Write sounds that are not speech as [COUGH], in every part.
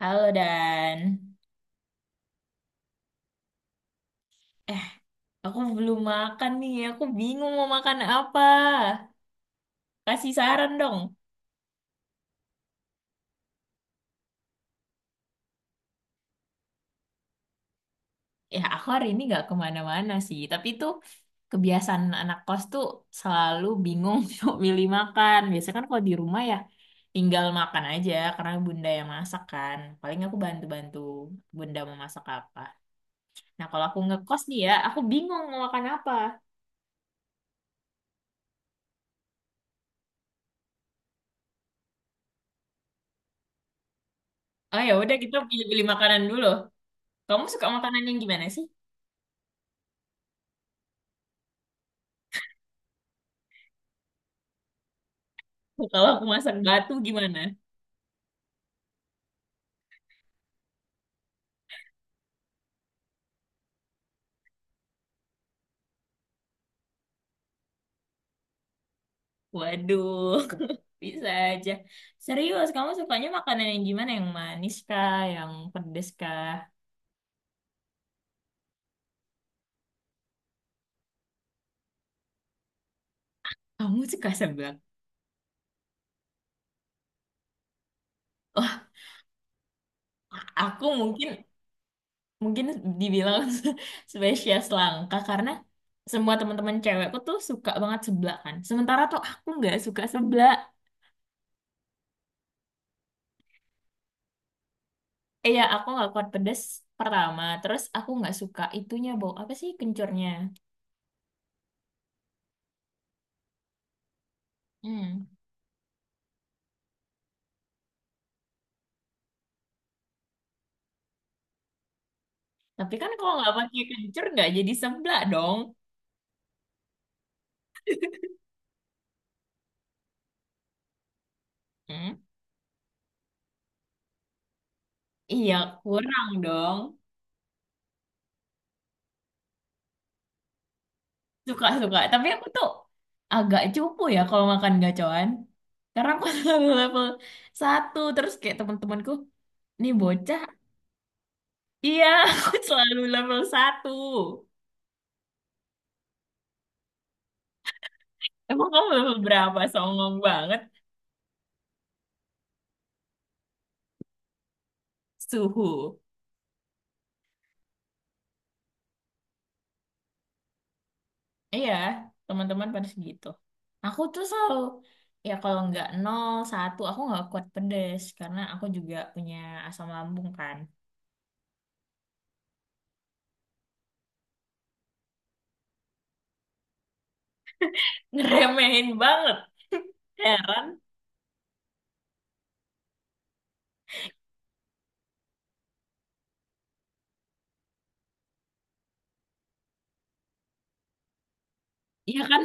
Halo Dan, eh aku belum makan nih, aku bingung mau makan apa. Kasih saran dong. Ya aku hari ini nggak kemana-mana sih, tapi itu kebiasaan anak kos tuh selalu bingung [LAUGHS] untuk milih makan. Biasanya kan kalau di rumah ya tinggal makan aja karena bunda yang masak kan. Paling aku bantu-bantu bunda mau masak apa. Nah kalau aku ngekos nih ya, aku bingung mau makan apa. Oh ya udah kita pilih-pilih makanan dulu. Kamu suka makanan yang gimana sih? Kalau aku masak batu gimana? Waduh, [LAUGHS] bisa aja. Serius, kamu sukanya makanan yang gimana? Yang manis kah? Yang pedes kah? Kamu suka seblak? Wah, aku mungkin mungkin dibilang [LAUGHS] spesies langka karena semua teman-teman cewekku tuh suka banget seblak kan. Sementara tuh aku nggak suka seblak. Eh ya, aku nggak kuat pedes pertama. Terus aku nggak suka itunya bau apa sih kencurnya? Hmm. Tapi kan kalau nggak pakai kencur nggak jadi seblak dong. Hmm? Iya, kurang dong. Suka-suka. Tapi aku tuh agak cupu ya kalau makan gacoan. Karena aku [LAUGHS] selalu level satu. Terus kayak teman-temanku, nih bocah. Iya, [LAUGHS] aku selalu level satu. Emang kamu level berapa? Songong banget. Suhu. Iya, teman-teman pada segitu. Aku tuh selalu, ya kalau nggak nol, satu, aku nggak kuat pedes. Karena aku juga punya asam lambung kan. [LAUGHS] Ngeremehin banget. Heran. Iya kan?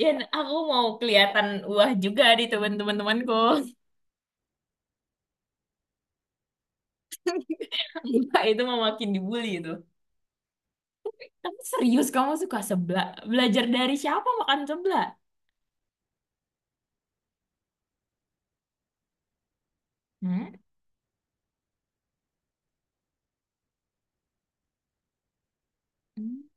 Ya, aku mau kelihatan wah juga di teman-teman-temanku. [LAUGHS] Enggak, itu mah makin dibully itu. Tapi serius kamu suka seblak? Belajar dari siapa makan seblak? Hmm? Hmm.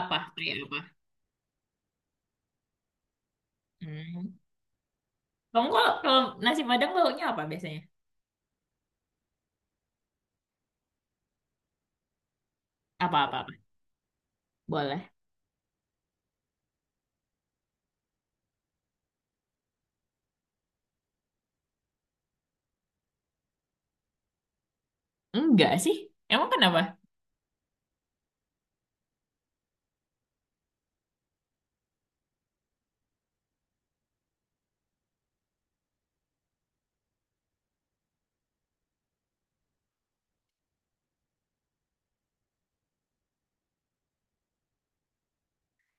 Apa? Kayak apa? Hmm. Kamu kalau, kalau nasi Padang baunya apa biasanya? Apa-apa? Boleh. Enggak sih. Emang kenapa?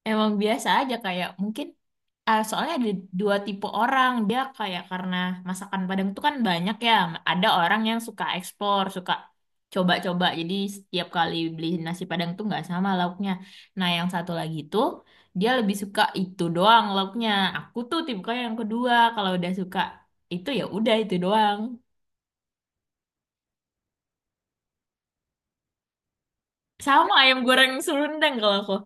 Emang biasa aja kayak mungkin. Ah, soalnya ada dua tipe orang. Dia kayak karena masakan Padang itu kan banyak ya. Ada orang yang suka ekspor, suka coba-coba. Jadi setiap kali beli nasi Padang tuh nggak sama lauknya. Nah, yang satu lagi tuh dia lebih suka itu doang lauknya. Aku tuh tipe yang kedua. Kalau udah suka itu ya udah itu doang. Sama ayam goreng Serundeng kalau aku. [LAUGHS]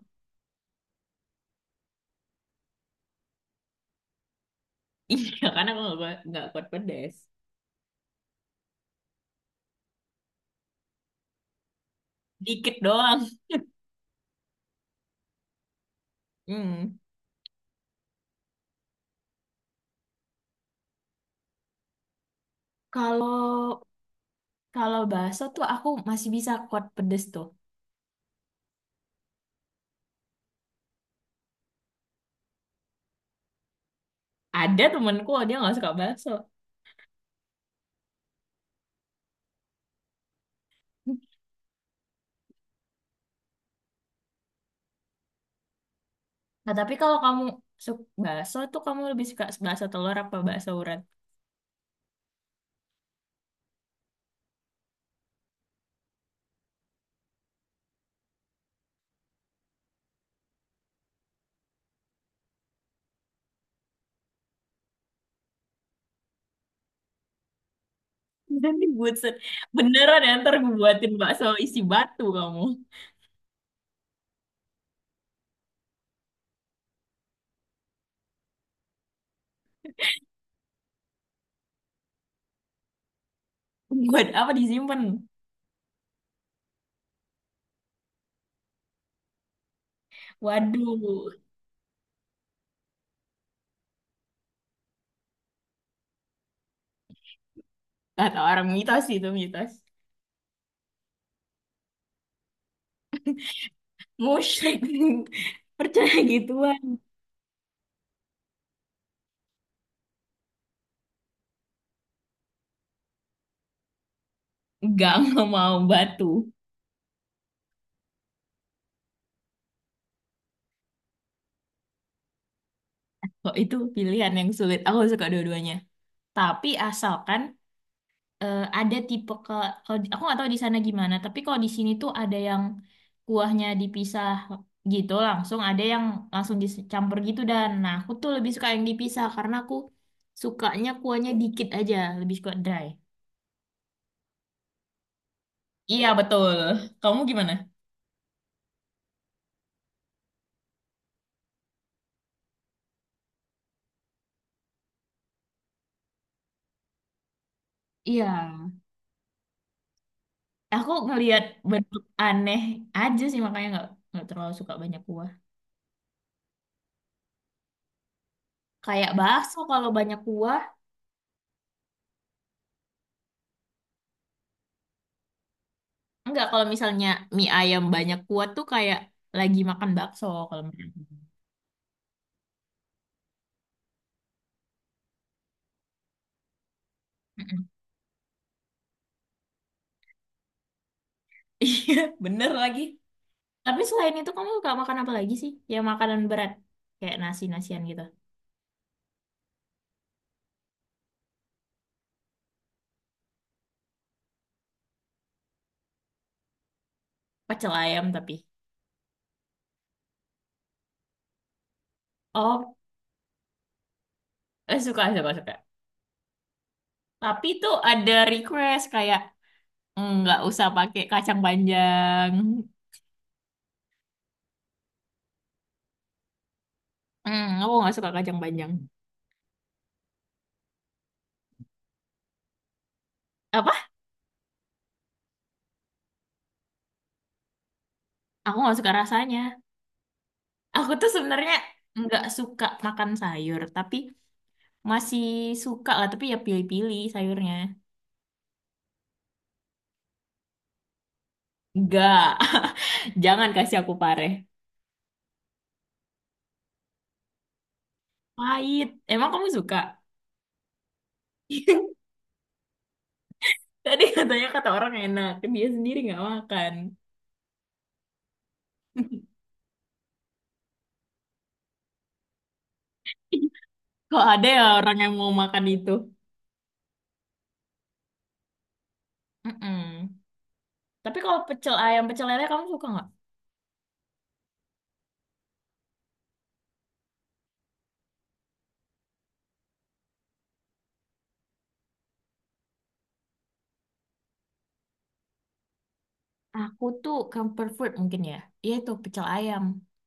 Iya, karena aku nggak kuat pedes. Dikit doang. [LAUGHS] Hmm. Kalau Kalau bakso tuh aku masih bisa kuat pedes tuh. Ada temenku dia nggak suka bakso. Nah tapi kalau kamu suka bakso tuh kamu lebih suka bakso telur apa bakso urat? [LAUGHS] Dan dibuat beneran ya ntar gue buatin bakso isi batu kamu. Buat apa disimpan? Waduh, kata orang mitos itu mitos. Musyrik [LAUGHS] percaya gituan. Enggak, nggak mau batu. Kok itu pilihan yang sulit. Aku suka dua-duanya. Tapi asalkan ada tipe ke, kalau aku nggak tahu di sana gimana tapi kalau di sini tuh ada yang kuahnya dipisah gitu langsung ada yang langsung dicampur gitu dan nah aku tuh lebih suka yang dipisah karena aku sukanya kuahnya dikit aja lebih suka dry. Iya, betul. Kamu gimana? Iya aku ngelihat bentuk aneh aja sih makanya nggak terlalu suka banyak kuah kayak bakso kalau banyak kuah. Enggak, kalau misalnya mie ayam banyak kuah tuh kayak lagi makan bakso kalau menurut aku. Iya, bener lagi. Tapi selain itu kamu suka makan apa lagi sih? Yang makanan berat. Kayak nasi-nasian gitu. Pecel ayam tapi. Oh, suka, suka, suka. Tapi itu ada request kayak "Mm, nggak usah pakai kacang panjang." Hmm, aku nggak suka kacang panjang. Apa? Aku nggak suka rasanya. Aku tuh sebenarnya nggak suka makan sayur, tapi masih suka lah. Tapi ya pilih-pilih sayurnya. Nggak. [LAUGHS] Jangan kasih aku pare. Pahit. Emang kamu suka? [LAUGHS] Tadi katanya kata orang enak, dia sendiri nggak makan. [LAUGHS] Kok ada ya orang yang mau makan itu? Mm-mm. Tapi kalau pecel ayam, pecel lele kamu suka nggak? Aku tuh comfort food mungkin ya. Iya tuh pecel ayam.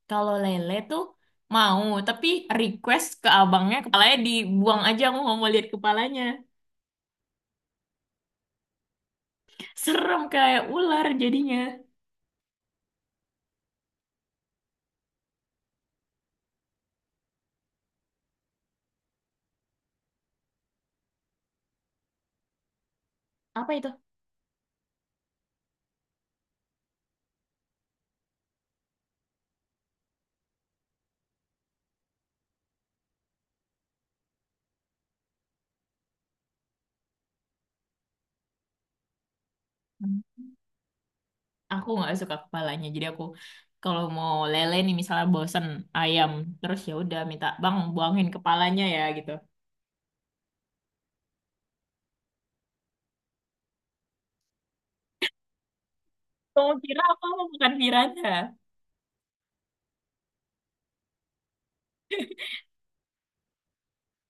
Kalau lele tuh mau, tapi request ke abangnya kepalanya dibuang aja. Aku nggak mau lihat kepalanya. [LAUGHS] Serem kayak ular jadinya. Apa itu? Aku nggak suka kepalanya jadi aku kalau mau lele nih misalnya bosen ayam terus ya udah minta bang buangin kepalanya ya gitu. Kamu kira aku mau makan piranha.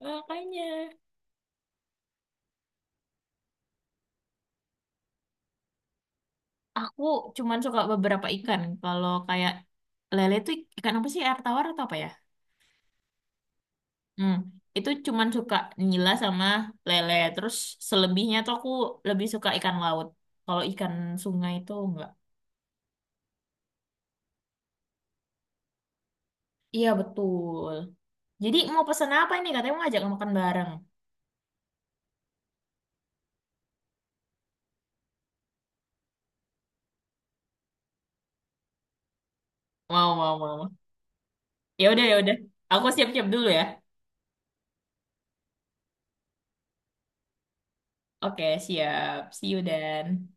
Makanya aku cuman suka beberapa ikan kalau kayak lele tuh ikan apa sih, air tawar atau apa ya? Hmm, itu cuman suka nila sama lele terus selebihnya tuh aku lebih suka ikan laut, kalau ikan sungai itu enggak. Iya betul, jadi mau pesan apa ini katanya mau ngajak makan bareng? Mau, mau, mau, mau. Ya udah, ya udah. Aku siap-siap dulu ya. Oke, siap. See you Dan.